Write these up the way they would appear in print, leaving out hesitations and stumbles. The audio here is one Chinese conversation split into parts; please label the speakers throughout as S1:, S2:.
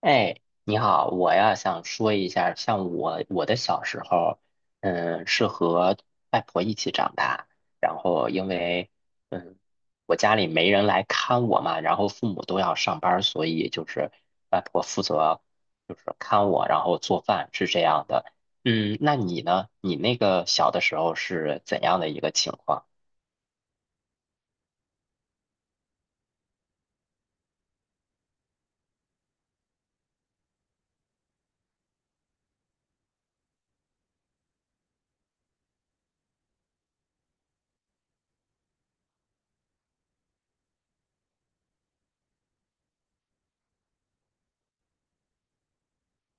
S1: 哎，你好，我呀想说一下，像我的小时候，是和外婆一起长大，然后因为嗯，我家里没人来看我嘛，然后父母都要上班儿所以就是外婆负责就是看我，然后做饭是这样的。那你呢？你那个小的时候是怎样的一个情况？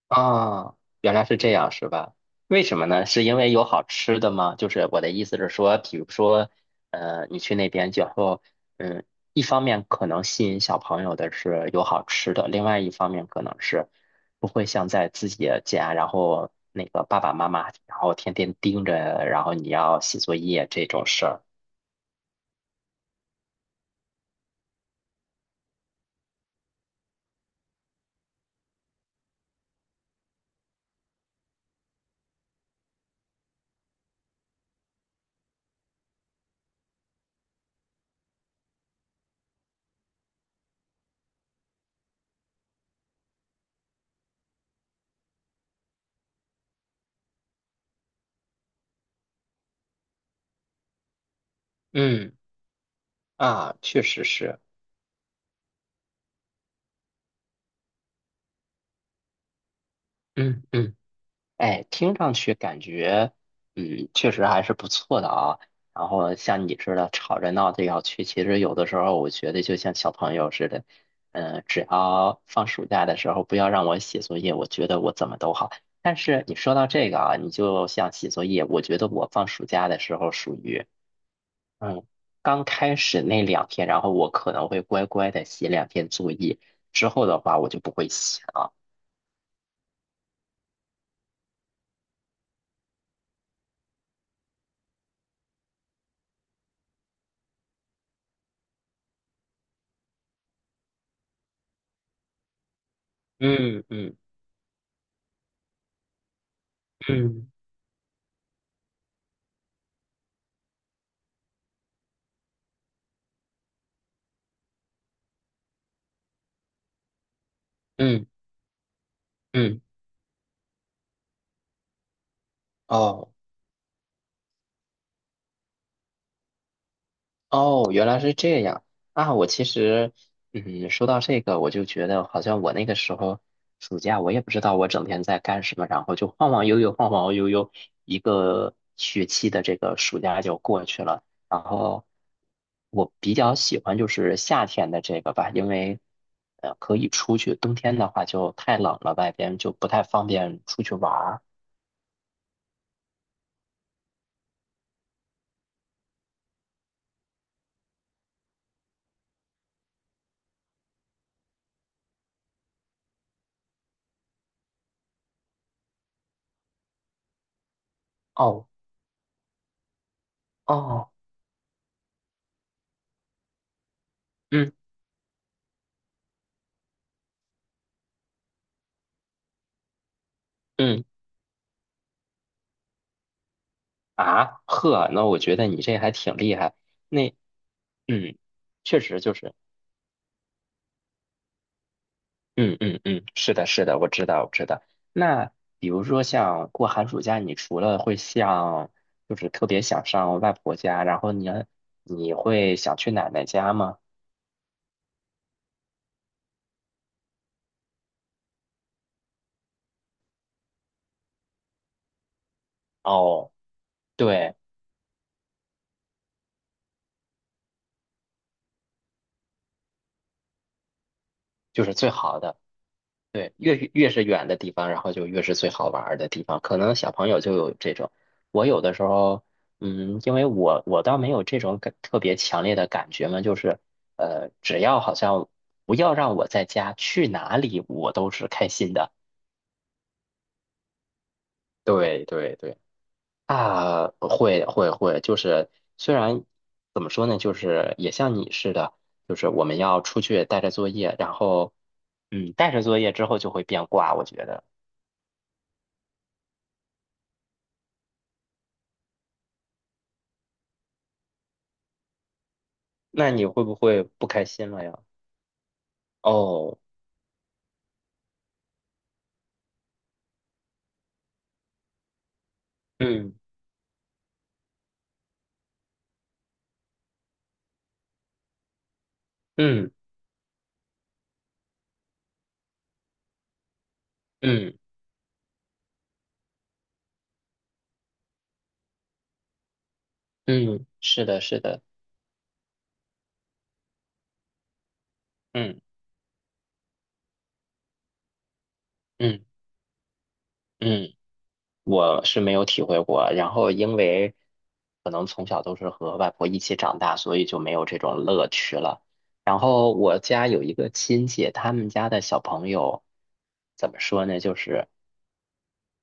S1: 啊，原来是这样，是吧？为什么呢？是因为有好吃的吗？就是我的意思是说，比如说，你去那边之后，嗯，一方面可能吸引小朋友的是有好吃的，另外一方面可能是不会像在自己的家，然后那个爸爸妈妈，然后天天盯着，然后你要写作业这种事儿。嗯，啊，确实是。嗯嗯。哎，听上去感觉，确实还是不错的啊。然后像你似的吵着闹着要去，其实有的时候我觉得就像小朋友似的，只要放暑假的时候不要让我写作业，我觉得我怎么都好。但是你说到这个啊，你就像写作业，我觉得我放暑假的时候属于，嗯，刚开始那两天，然后我可能会乖乖的写两天作业，之后的话我就不会写了。嗯嗯嗯嗯嗯，哦。哦，原来是这样啊！我其实，说到这个，我就觉得好像我那个时候暑假，我也不知道我整天在干什么，然后就晃晃悠悠，晃晃悠悠，一个学期的这个暑假就过去了。然后我比较喜欢就是夏天的这个吧，因为可以出去，冬天的话就太冷了，外边就不太方便出去玩儿。哦哦，嗯嗯啊呵，那我觉得你这还挺厉害。那。嗯，确实就是，嗯嗯嗯，是的，是的，我知道，我知道。那比如说像过寒暑假，你除了会像，就是特别想上外婆家，然后你会想去奶奶家吗？哦，对，就是最好的。对，越是远的地方，然后就越是最好玩儿的地方。可能小朋友就有这种，我有的时候，因为我倒没有这种感特别强烈的感觉嘛，就是，只要好像不要让我在家，去哪里我都是开心的。对对对，啊，会会会，就是虽然怎么说呢，就是也像你似的，就是我们要出去带着作业，然后带着作业之后就会变卦，我觉得。那你会不会不开心了呀？哦，嗯嗯嗯嗯，是的，是的，嗯嗯嗯，我是没有体会过。然后因为可能从小都是和外婆一起长大，所以就没有这种乐趣了。然后我家有一个亲戚，他们家的小朋友怎么说呢？就是。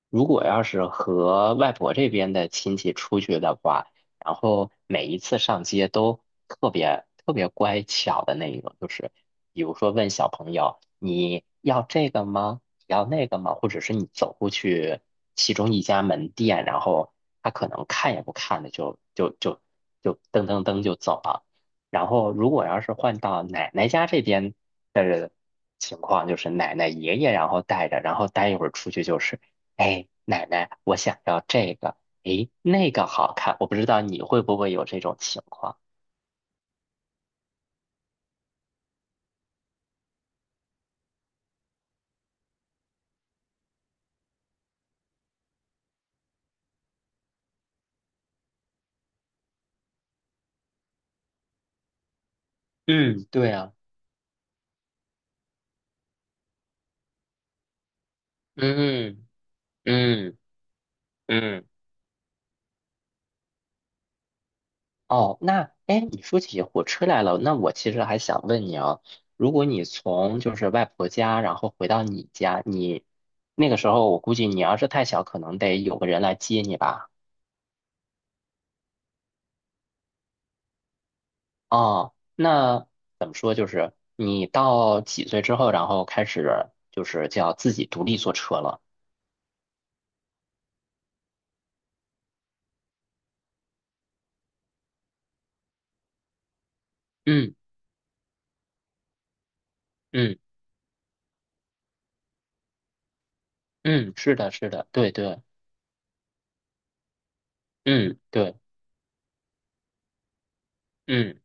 S1: 如果要是和外婆这边的亲戚出去的话，然后每一次上街都特别特别乖巧的那一种，就是比如说问小朋友你要这个吗？你要那个吗？或者是你走过去其中一家门店，然后他可能看也不看的就噔噔噔就走了。然后如果要是换到奶奶家这边的情况，就是奶奶爷爷然后带着，然后待一会儿出去就是。哎，奶奶，我想要这个，哎，那个好看。我不知道你会不会有这种情况。嗯，对啊，嗯嗯嗯。哦，那哎，你说起火车来了，那我其实还想问你啊，如果你从就是外婆家，然后回到你家，你那个时候我估计你要是太小，可能得有个人来接你吧？哦，那怎么说，就是你到几岁之后，然后开始就是叫自己独立坐车了。嗯。嗯嗯，是的，是的，对对，嗯对，嗯。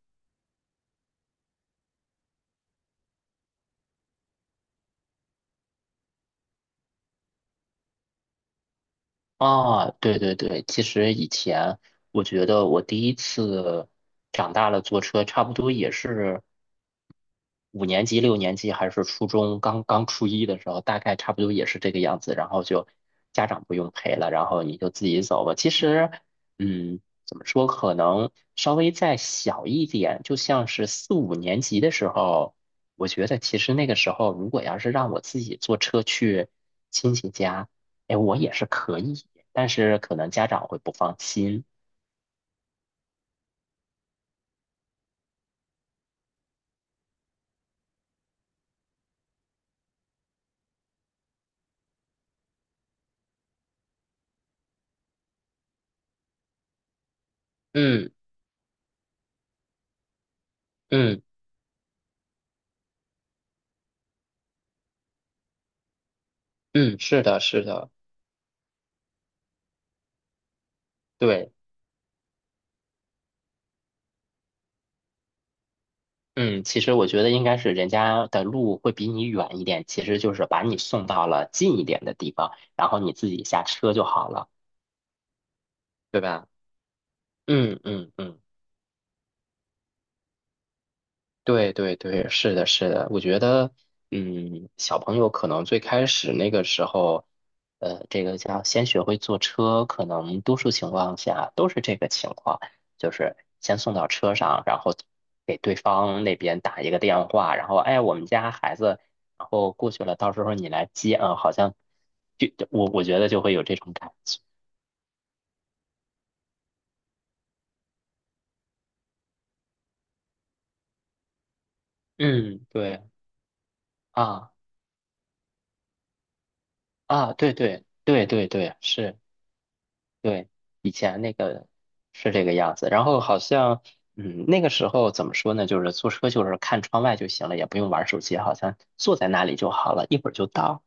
S1: 啊，对对对，其实以前我觉得我第一次长大了坐车，差不多也是五年级、六年级还是初中刚刚初一的时候，大概差不多也是这个样子。然后就家长不用陪了，然后你就自己走吧。其实，嗯，怎么说，可能稍微再小一点，就像是四五年级的时候，我觉得其实那个时候，如果要是让我自己坐车去亲戚家。哎，我也是可以但是可能家长会不放心。嗯嗯嗯，是的，是的，对，嗯，其实我觉得应该是人家的路会比你远一点，其实就是把你送到了近一点的地方，然后你自己下车就好了，对吧？嗯嗯嗯。对对对，是的，是的，我觉得，小朋友可能最开始那个时候，这个叫先学会坐车，可能多数情况下都是这个情况，就是先送到车上，然后给对方那边打一个电话，然后哎，我们家孩子，然后过去了，到时候你来接啊，好像就我觉得就会有这种感觉，嗯，对啊啊，对对对对对，是。对，以前那个是这个样子，然后好像，那个时候怎么说呢？就是坐车就是看窗外就行了，也不用玩手机，好像坐在那里就好了，一会儿就到。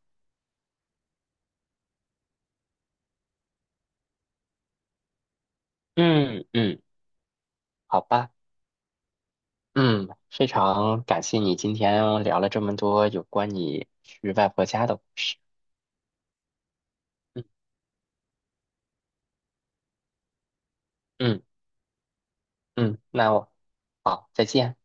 S1: 嗯嗯，好吧，嗯，非常感谢你今天聊了这么多有关你去外婆家的故事。嗯嗯嗯，那我好，再见。